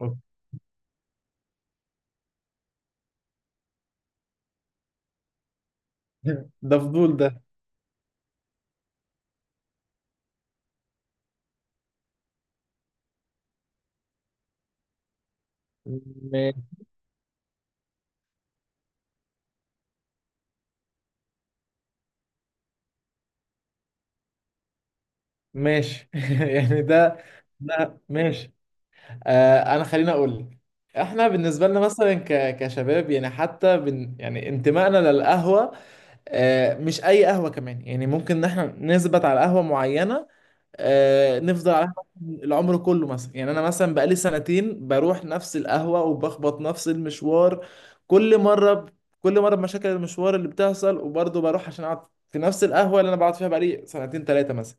أوكي. ده فضول ده. م- ماشي. يعني ده ماشي. انا خليني اقول لك. احنا بالنسبه لنا مثلا كشباب، يعني حتى يعني انتمائنا للقهوه. مش اي قهوه كمان، يعني ممكن ان احنا نثبت على قهوه معينه. نفضل على القهوة العمر كله مثلا. يعني انا مثلا بقالي سنتين بروح نفس القهوة وبخبط نفس المشوار. كل مرة ب... كل مرة بمشاكل المشوار اللي بتحصل، وبرضه بروح عشان اقعد في نفس القهوة اللي انا بقعد فيها بقالي سنتين ثلاثة مثلا.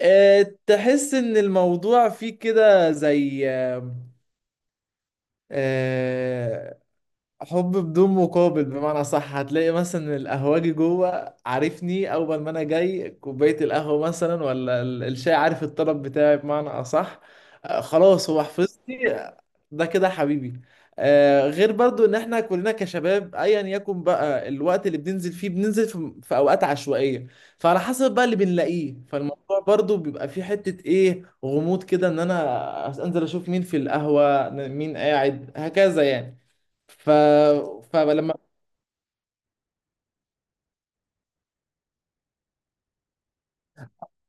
تحس ان الموضوع فيه كده زي أه حب بدون مقابل، بمعنى صح. هتلاقي مثلا القهوجي جوه عارفني اول ما انا جاي كوبايه القهوه مثلا ولا الشاي، عارف الطلب بتاعي بمعنى اصح. خلاص هو حفظني. ده كده حبيبي. غير برضو ان احنا كلنا كشباب، ايا يكن بقى الوقت اللي بننزل فيه بننزل في اوقات عشوائيه. فعلى حسب بقى اللي بنلاقيه، فالموضوع برضو بيبقى فيه حته ايه، غموض كده، ان انا انزل اشوف مين في القهوه، مين قاعد، هكذا يعني. ف... فلما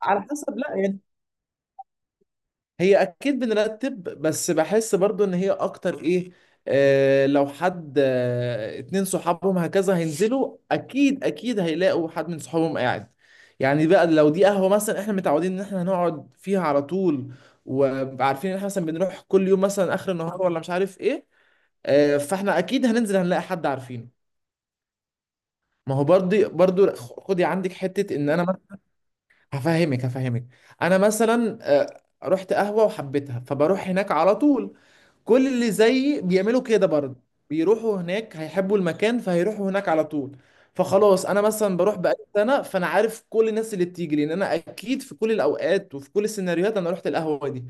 على حسب، لا يعني، هي اكيد بنرتب، بس بحس برضو ان هي اكتر ايه. لو حد اتنين صحابهم هكذا هينزلوا، اكيد اكيد هيلاقوا حد من صحابهم قاعد. يعني بقى لو دي قهوة مثلا احنا متعودين ان احنا هنقعد فيها على طول، وعارفين ان احنا مثلا بنروح كل يوم مثلا اخر النهار ولا مش عارف ايه. فاحنا اكيد هننزل هنلاقي حد عارفينه. ما هو برضه برضه، خدي عندك حتة ان انا هفهمك هفهمك. انا مثلا رحت قهوه وحبيتها فبروح هناك على طول. كل اللي زيي بيعملوا كده برضه، بيروحوا هناك، هيحبوا المكان فهيروحوا هناك على طول. فخلاص انا مثلا بروح بقالي سنه، فانا عارف كل الناس اللي بتيجي، لان انا اكيد في كل الاوقات وفي كل السيناريوهات انا رحت القهوه دي.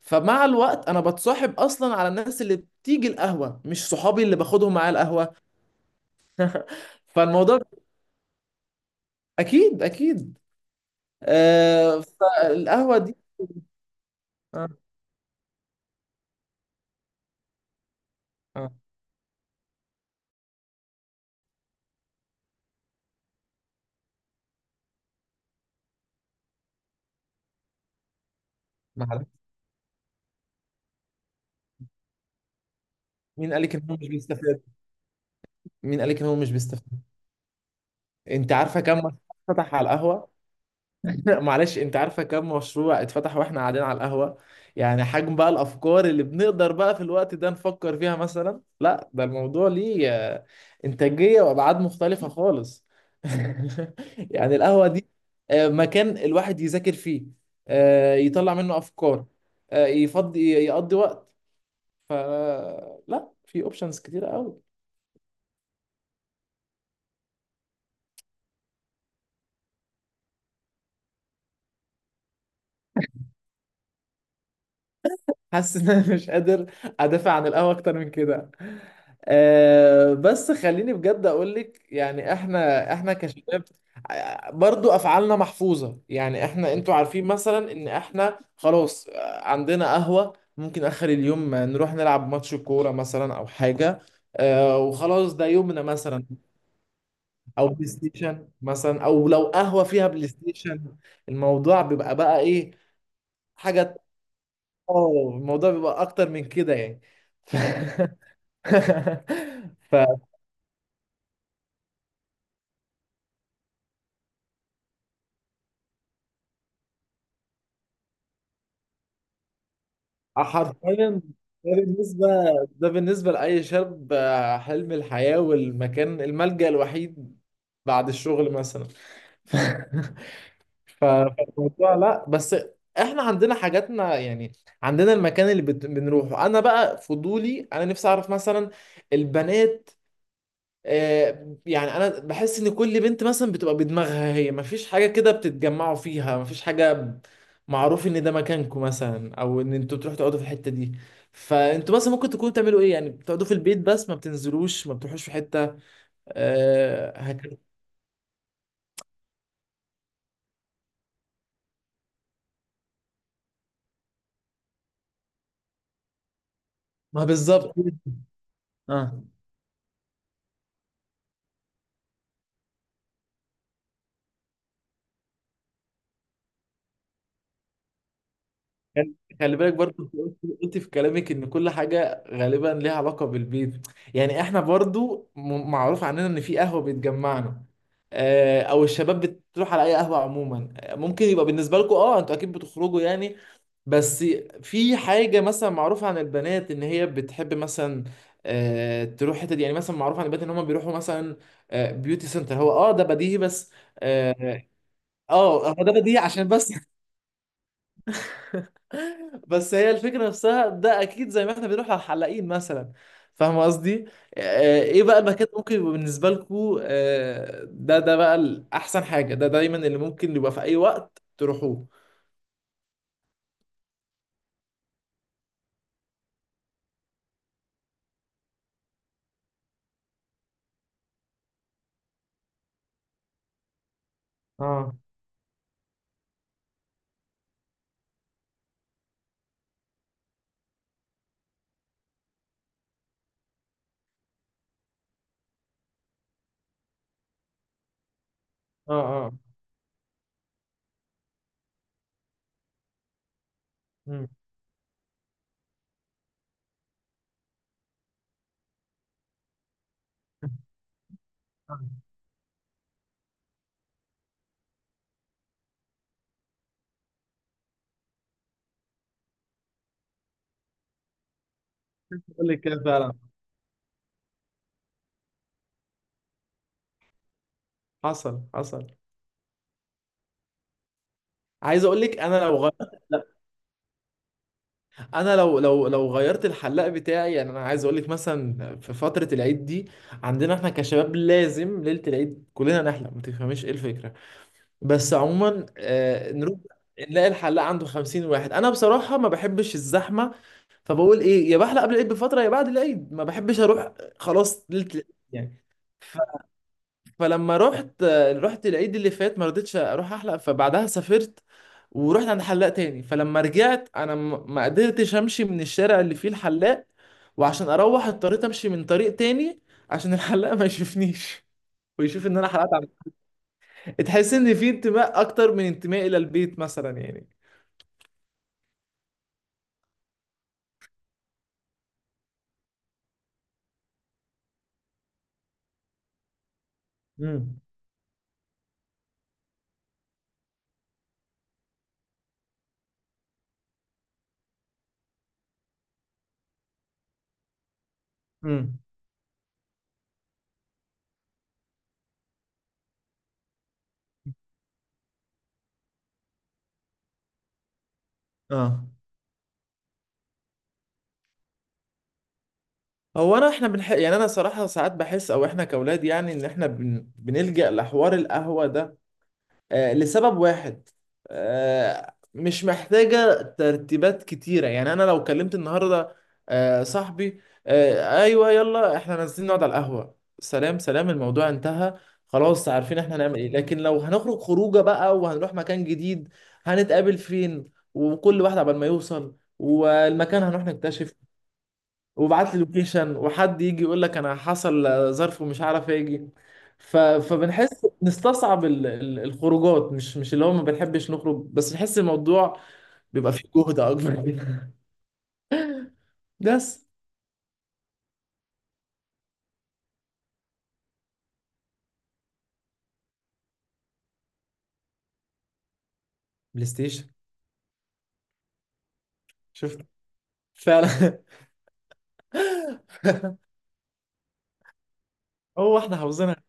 فمع الوقت انا بتصاحب اصلا على الناس اللي بتيجي القهوه، مش صحابي اللي باخدهم معايا القهوه. فالموضوع اكيد اكيد. فالقهوه دي. اه، اه، معلش. مين قال لك ان هو مش بيستفاد؟ مين قال لك ان هو مش بيستفاد؟ انت عارفه كم مشروع اتفتح على القهوه؟ معلش، انت عارفه كم مشروع اتفتح واحنا قاعدين على القهوه؟ يعني حجم بقى الافكار اللي بنقدر بقى في الوقت ده نفكر فيها مثلا، لا ده الموضوع ليه انتاجيه وابعاد مختلفه خالص. يعني القهوه دي مكان الواحد يذاكر فيه، يطلع منه افكار، يفضي يقضي وقت. فلا، في اوبشنز كتير قوي. حاسس ان انا مش قادر ادافع عن القهوه اكتر من كده. بس خليني بجد اقول لك، يعني احنا كشباب برضو افعالنا محفوظه. يعني احنا، انتوا عارفين مثلا ان احنا خلاص عندنا قهوه، ممكن اخر اليوم نروح نلعب ماتش كوره مثلا او حاجه. وخلاص ده يومنا مثلا. او بلاي ستيشن مثلا، او لو قهوه فيها بلاي ستيشن الموضوع بيبقى بقى ايه حاجه. اه، الموضوع بيبقى اكتر من كده يعني. ف... فحرفيا ده بالنسبة ده بالنسبة لأي شاب حلم الحياة والمكان الملجأ الوحيد بعد الشغل مثلا. ف... فالموضوع، لا بس، احنا عندنا حاجاتنا يعني. عندنا المكان اللي بنروحه. انا بقى فضولي، انا نفسي اعرف مثلا البنات. يعني انا بحس ان كل بنت مثلا بتبقى بدماغها، هي مفيش حاجه كده بتتجمعوا فيها، مفيش حاجه معروف ان ده مكانكم مثلا، او ان انتوا بتروحوا تقعدوا في الحته دي. فانتوا مثلا ممكن تكونوا بتعملوا ايه؟ يعني بتقعدوا في البيت بس ما بتنزلوش ما بتروحوش في حته هكذا. ما بالظبط. اه، خل- خلي بالك برضو، انت قلت في كلامك ان كل حاجه غالبا ليها علاقه بالبيت. يعني احنا برضو معروف عننا ان في قهوه بتجمعنا، او الشباب بتروح على اي قهوه عموما. ممكن يبقى بالنسبه لكم اه، انتوا اكيد بتخرجوا يعني، بس في حاجه مثلا معروفه عن البنات ان هي بتحب مثلا تروح حتت دي. يعني مثلا معروف عن البنات ان هم بيروحوا مثلا بيوتي سنتر. هو اه، ده بديهي بس. اه، هو ده بديهي عشان بس. بس هي الفكرة نفسها، ده أكيد زي ما احنا بنروح على الحلاقين مثلا. فاهم قصدي؟ إيه بقى المكان ممكن يبقى بالنسبة لكم ده بقى الأحسن حاجة، ده دايما اللي ممكن يبقى في أي وقت تروحوه. اه، اه، اه. مم. قول لك كده فعلا. حصل حصل. عايز اقول لك، انا لو غيرت، لا، انا لو غيرت الحلاق بتاعي، يعني انا عايز اقول لك مثلا في فتره العيد دي، عندنا احنا كشباب لازم ليله العيد كلنا نحلق، ما تفهميش ايه الفكره. بس عموما نروح نلاقي الحلاق عنده 50 واحد، انا بصراحه ما بحبش الزحمه. فبقول ايه، يا بحلق قبل العيد بفتره يا بعد العيد، ما بحبش اروح خلاص ليله العيد يعني. ف- فلما رحت رحت العيد اللي فات ما رضيتش اروح احلق، فبعدها سافرت ورحت عند حلاق تاني. فلما رجعت انا ما قدرتش امشي من الشارع اللي فيه الحلاق، وعشان اروح اضطريت امشي من طريق تاني عشان الحلاق ما يشوفنيش ويشوف ان انا حلقت. تحس ان في انتماء اكتر من انتماء الى البيت مثلا يعني. امم. امم. اه. هو انا يعني انا صراحة ساعات بحس، او احنا كاولاد يعني ان احنا بنلجأ لحوار القهوة ده لسبب واحد، مش محتاجة ترتيبات كتيرة. يعني أنا لو كلمت النهاردة صاحبي، أيوه يلا إحنا نازلين نقعد على القهوة، سلام سلام، الموضوع انتهى، خلاص عارفين إحنا هنعمل إيه. لكن لو هنخرج خروجة بقى وهنروح مكان جديد، هنتقابل فين؟ وكل واحد عبال ما يوصل، والمكان هنروح نكتشف، وبعت لي لوكيشن، وحد يجي يقول لك انا حصل ظرف ومش عارف اجي. فبنحس نستصعب الخروجات، مش اللي هو ما بنحبش نخرج، بس نحس الموضوع بيبقى فيه جهد اكبر منها. بس بلاي ستيشن. شفت فعلا. هو احنا حافظينها.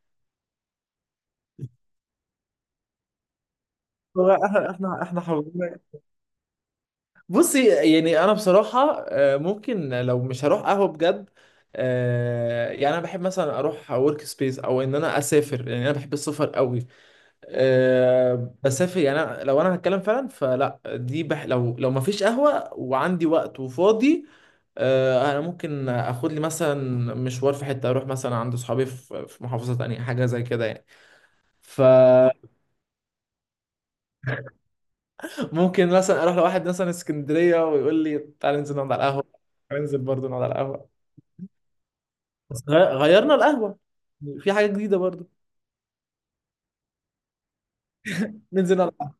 هو احنا حافظينها. بصي، يعني انا بصراحه ممكن لو مش هروح قهوه بجد، يعني انا بحب مثلا اروح ورك سبيس، او ان انا اسافر، يعني انا بحب السفر قوي. بسافر. يعني أنا لو انا هتكلم فعلا فلا، دي لو ما فيش قهوة وعندي وقت وفاضي، انا ممكن اخد لي مثلا مشوار في حتة، اروح مثلا عند صحابي في محافظة تانية، حاجة زي كده يعني. فممكن. مثلا اروح لواحد مثلا اسكندرية، ويقول لي تعال ننزل نقعد على القهوة، تعال ننزل برضه نقعد على القهوة، بس غيرنا القهوة، في حاجة جديدة برضه. ننزل نقعد على القهوة.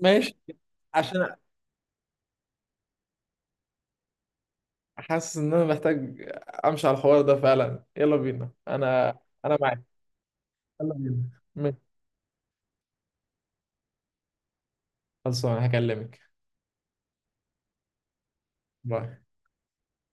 ماشي. عشان حاسس ان انا محتاج امشي على الحوار ده فعلا. يلا بينا. انا معاك. يلا بينا. ماشي، خلصان هكلمك. باي.